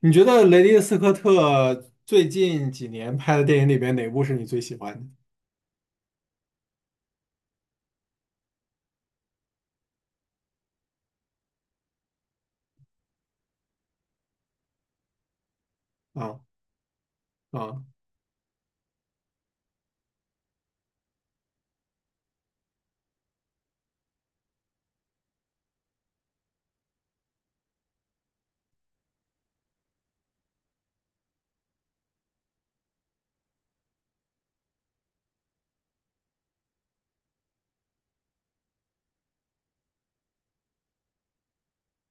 你觉得雷迪斯科特最近几年拍的电影里边哪部是你最喜欢的？啊，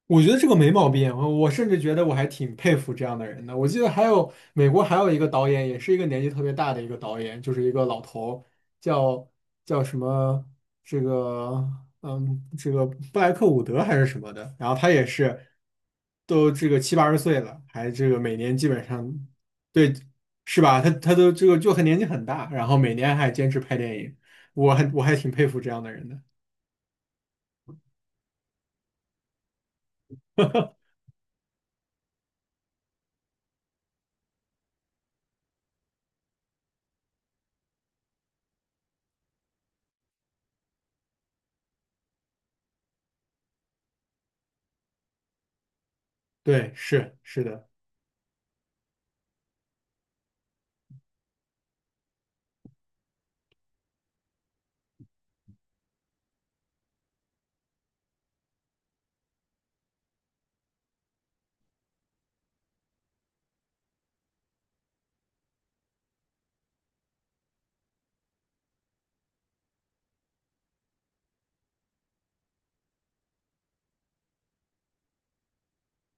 我觉得这个没毛病，我甚至觉得我还挺佩服这样的人的。我记得还有美国还有一个导演，也是一个年纪特别大的一个导演，就是一个老头，叫叫什么这个嗯这个布莱克伍德还是什么的。然后他也是都这个七八十岁了，还这个每年基本上对。是吧？他都这个就很年纪很大，然后每年还坚持拍电影，我还挺佩服这样的人的。对，是是的。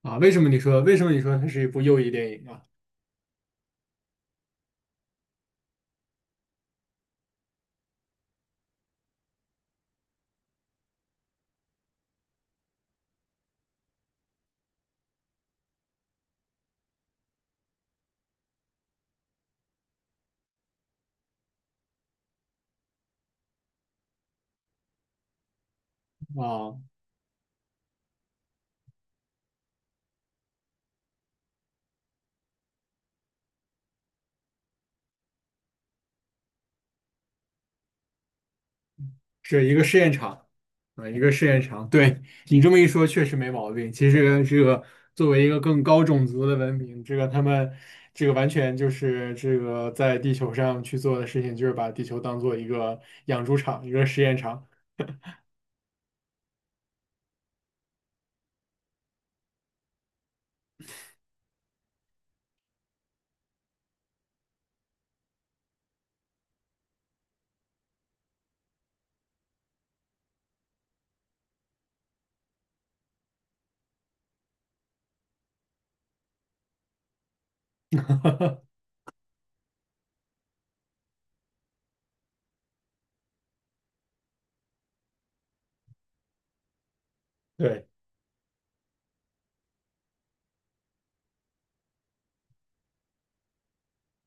啊，为什么你说它是一部右翼电影啊？啊，是一个试验场啊，一个试验场。对，你这么一说，确实没毛病。其实这个作为一个更高种族的文明，这个他们这个完全就是这个在地球上去做的事情，就是把地球当做一个养猪场、一个试验场。对。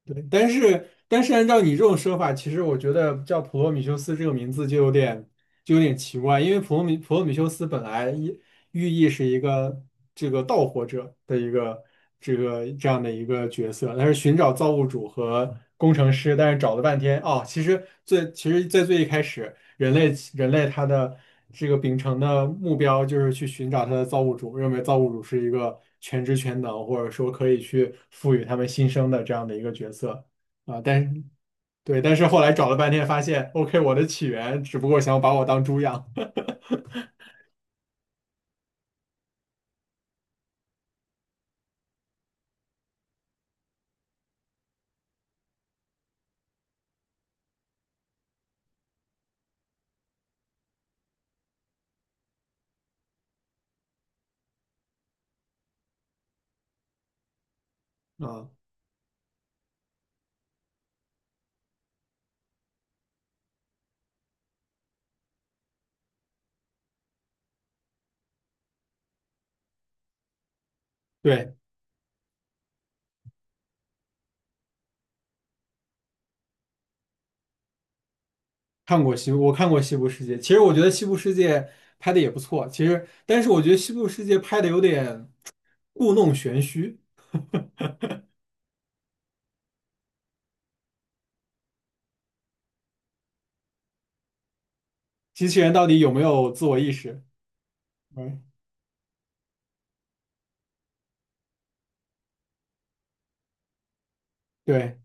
对，但是按照你这种说法，其实我觉得叫普罗米修斯这个名字就有点奇怪，因为普罗米修斯本来意寓意是一个这个盗火者的一个这样的一个角色，他是寻找造物主和工程师，但是找了半天哦，其实最其实在最一开始。人类他的这个秉承的目标就是去寻找他的造物主，认为造物主是一个全知全能，或者说可以去赋予他们新生的这样的一个角色啊。但对，但是后来找了半天，发现 OK，我的起源只不过想把我当猪养 啊。对，看过西部，我看过《西部世界》，其实我觉得《西部世界》拍的也不错，其实但是我觉得《西部世界》拍的有点故弄玄虚，机器人到底有没有自我意识？嗯，对。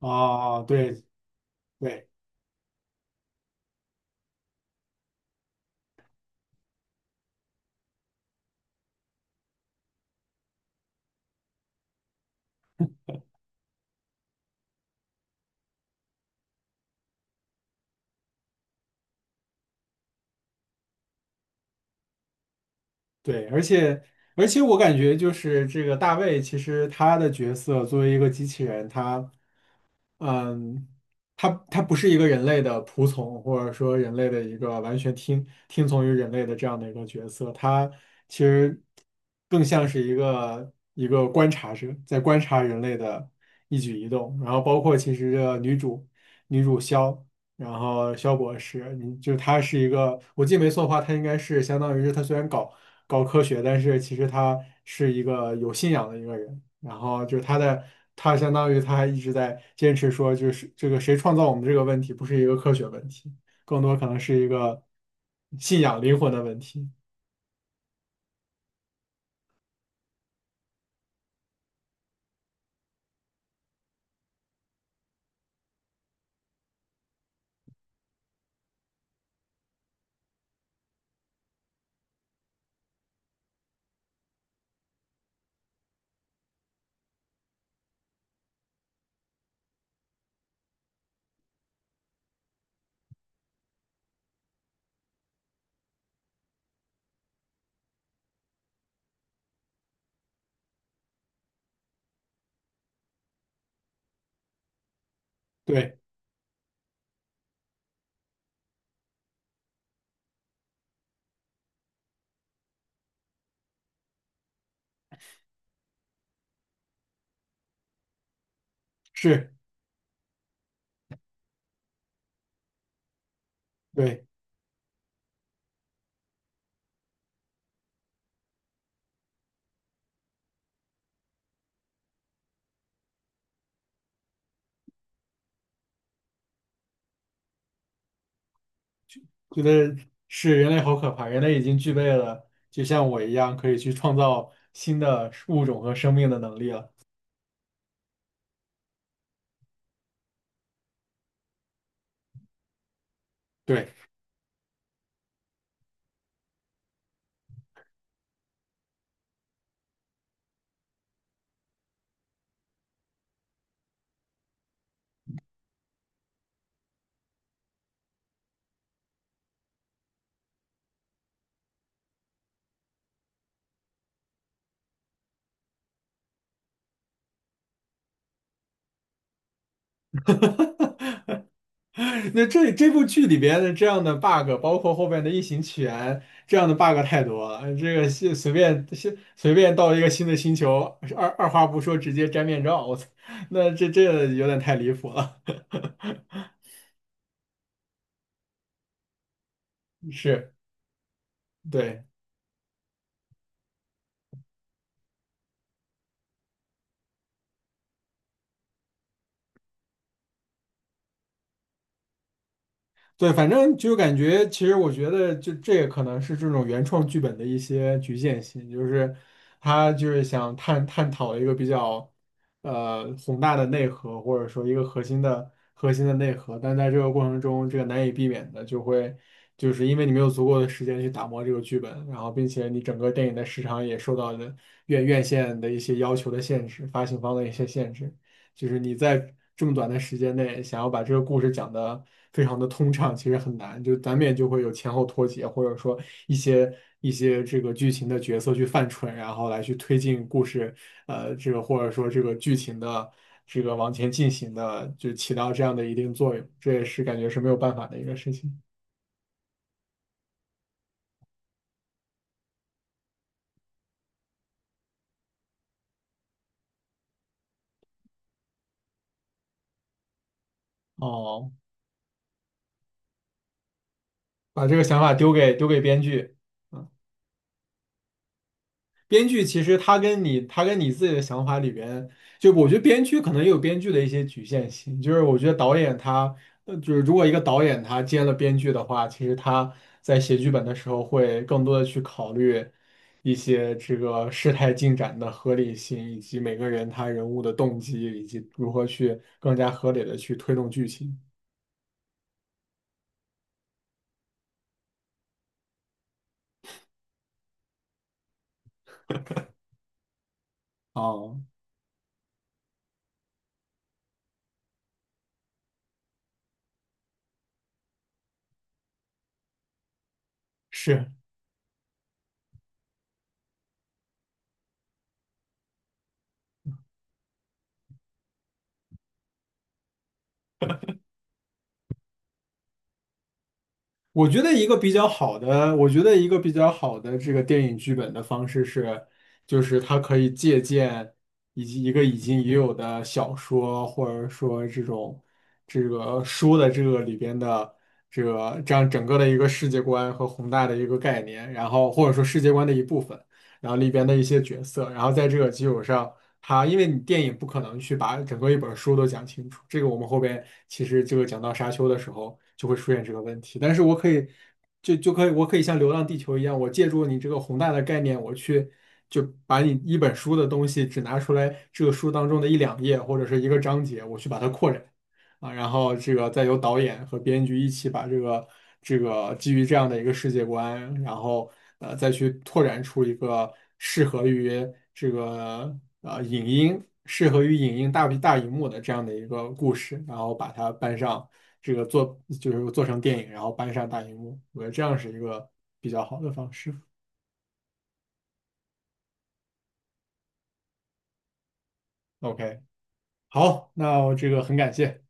啊，对，对对，而且我感觉就是这个大卫，其实他的角色作为一个机器人，他，嗯，它不是一个人类的仆从，或者说人类的一个完全听从于人类的这样的一个角色，它其实更像是一个观察者，在观察人类的一举一动，然后包括其实这个女主萧，然后萧博士，你就她是一个，我记得没错的话，她应该是相当于是她虽然搞科学，但是其实她是一个有信仰的一个人。然后就是他的，他相当于他还一直在坚持说，就是这个谁创造我们这个问题，不是一个科学问题，更多可能是一个信仰灵魂的问题。对，是，对，觉得是人类好可怕，人类已经具备了，就像我一样，可以去创造新的物种和生命的能力了。对。那这这部剧里边的这样的 bug，包括后面的异形起源这样的 bug 太多了。这个是随便随便到一个新的星球，二话不说直接摘面罩，我操，那这这有点太离谱了。是，对。对，反正就感觉，其实我觉得就这也可能是这种原创剧本的一些局限性，就是他就是想探讨一个比较宏大的内核，或者说一个核心的内核，但在这个过程中，这个难以避免的就会就是因为你没有足够的时间去打磨这个剧本，然后并且你整个电影的时长也受到了院线的一些要求的限制，发行方的一些限制。就是你在这么短的时间内想要把这个故事讲得非常的通畅，其实很难，就难免就会有前后脱节，或者说一些一些这个剧情的角色去犯蠢，然后来去推进故事，这个或者说这个剧情的这个往前进行的，就起到这样的一定作用，这也是感觉是没有办法的一个事情。哦，把这个想法丢给编剧。嗯，编剧其实他跟你自己的想法里边，就我觉得编剧可能也有编剧的一些局限性，就是我觉得导演他，呃，就是如果一个导演他接了编剧的话，其实他在写剧本的时候会更多的去考虑一些这个事态进展的合理性，以及每个人他人物的动机，以及如何去更加合理的去推动剧情。哦，是。我觉得一个比较好的这个电影剧本的方式是，就是它可以借鉴以及一个已经已有的小说，或者说这种这个书的这个里边的这个这样整个的一个世界观和宏大的一个概念，然后或者说世界观的一部分。然后里边的一些角色，然后在这个基础上，它因为你电影不可能去把整个一本书都讲清楚，这个我们后边其实这个讲到沙丘的时候就会出现这个问题，但是我可以我可以像《流浪地球》一样，我借助你这个宏大的概念，我去。就把你一本书的东西只拿出来，这个书当中的一两页或者是一个章节，我去把它扩展。啊，然后这个再由导演和编剧一起把这个这个基于这样的一个世界观，然后呃再去拓展出一个适合于这个影音、适合于影音大荧幕的这样的一个故事，然后把它搬上这个做就是做成电影，然后搬上大荧幕，我觉得这样是一个比较好的方式。OK,好，那我这个很感谢。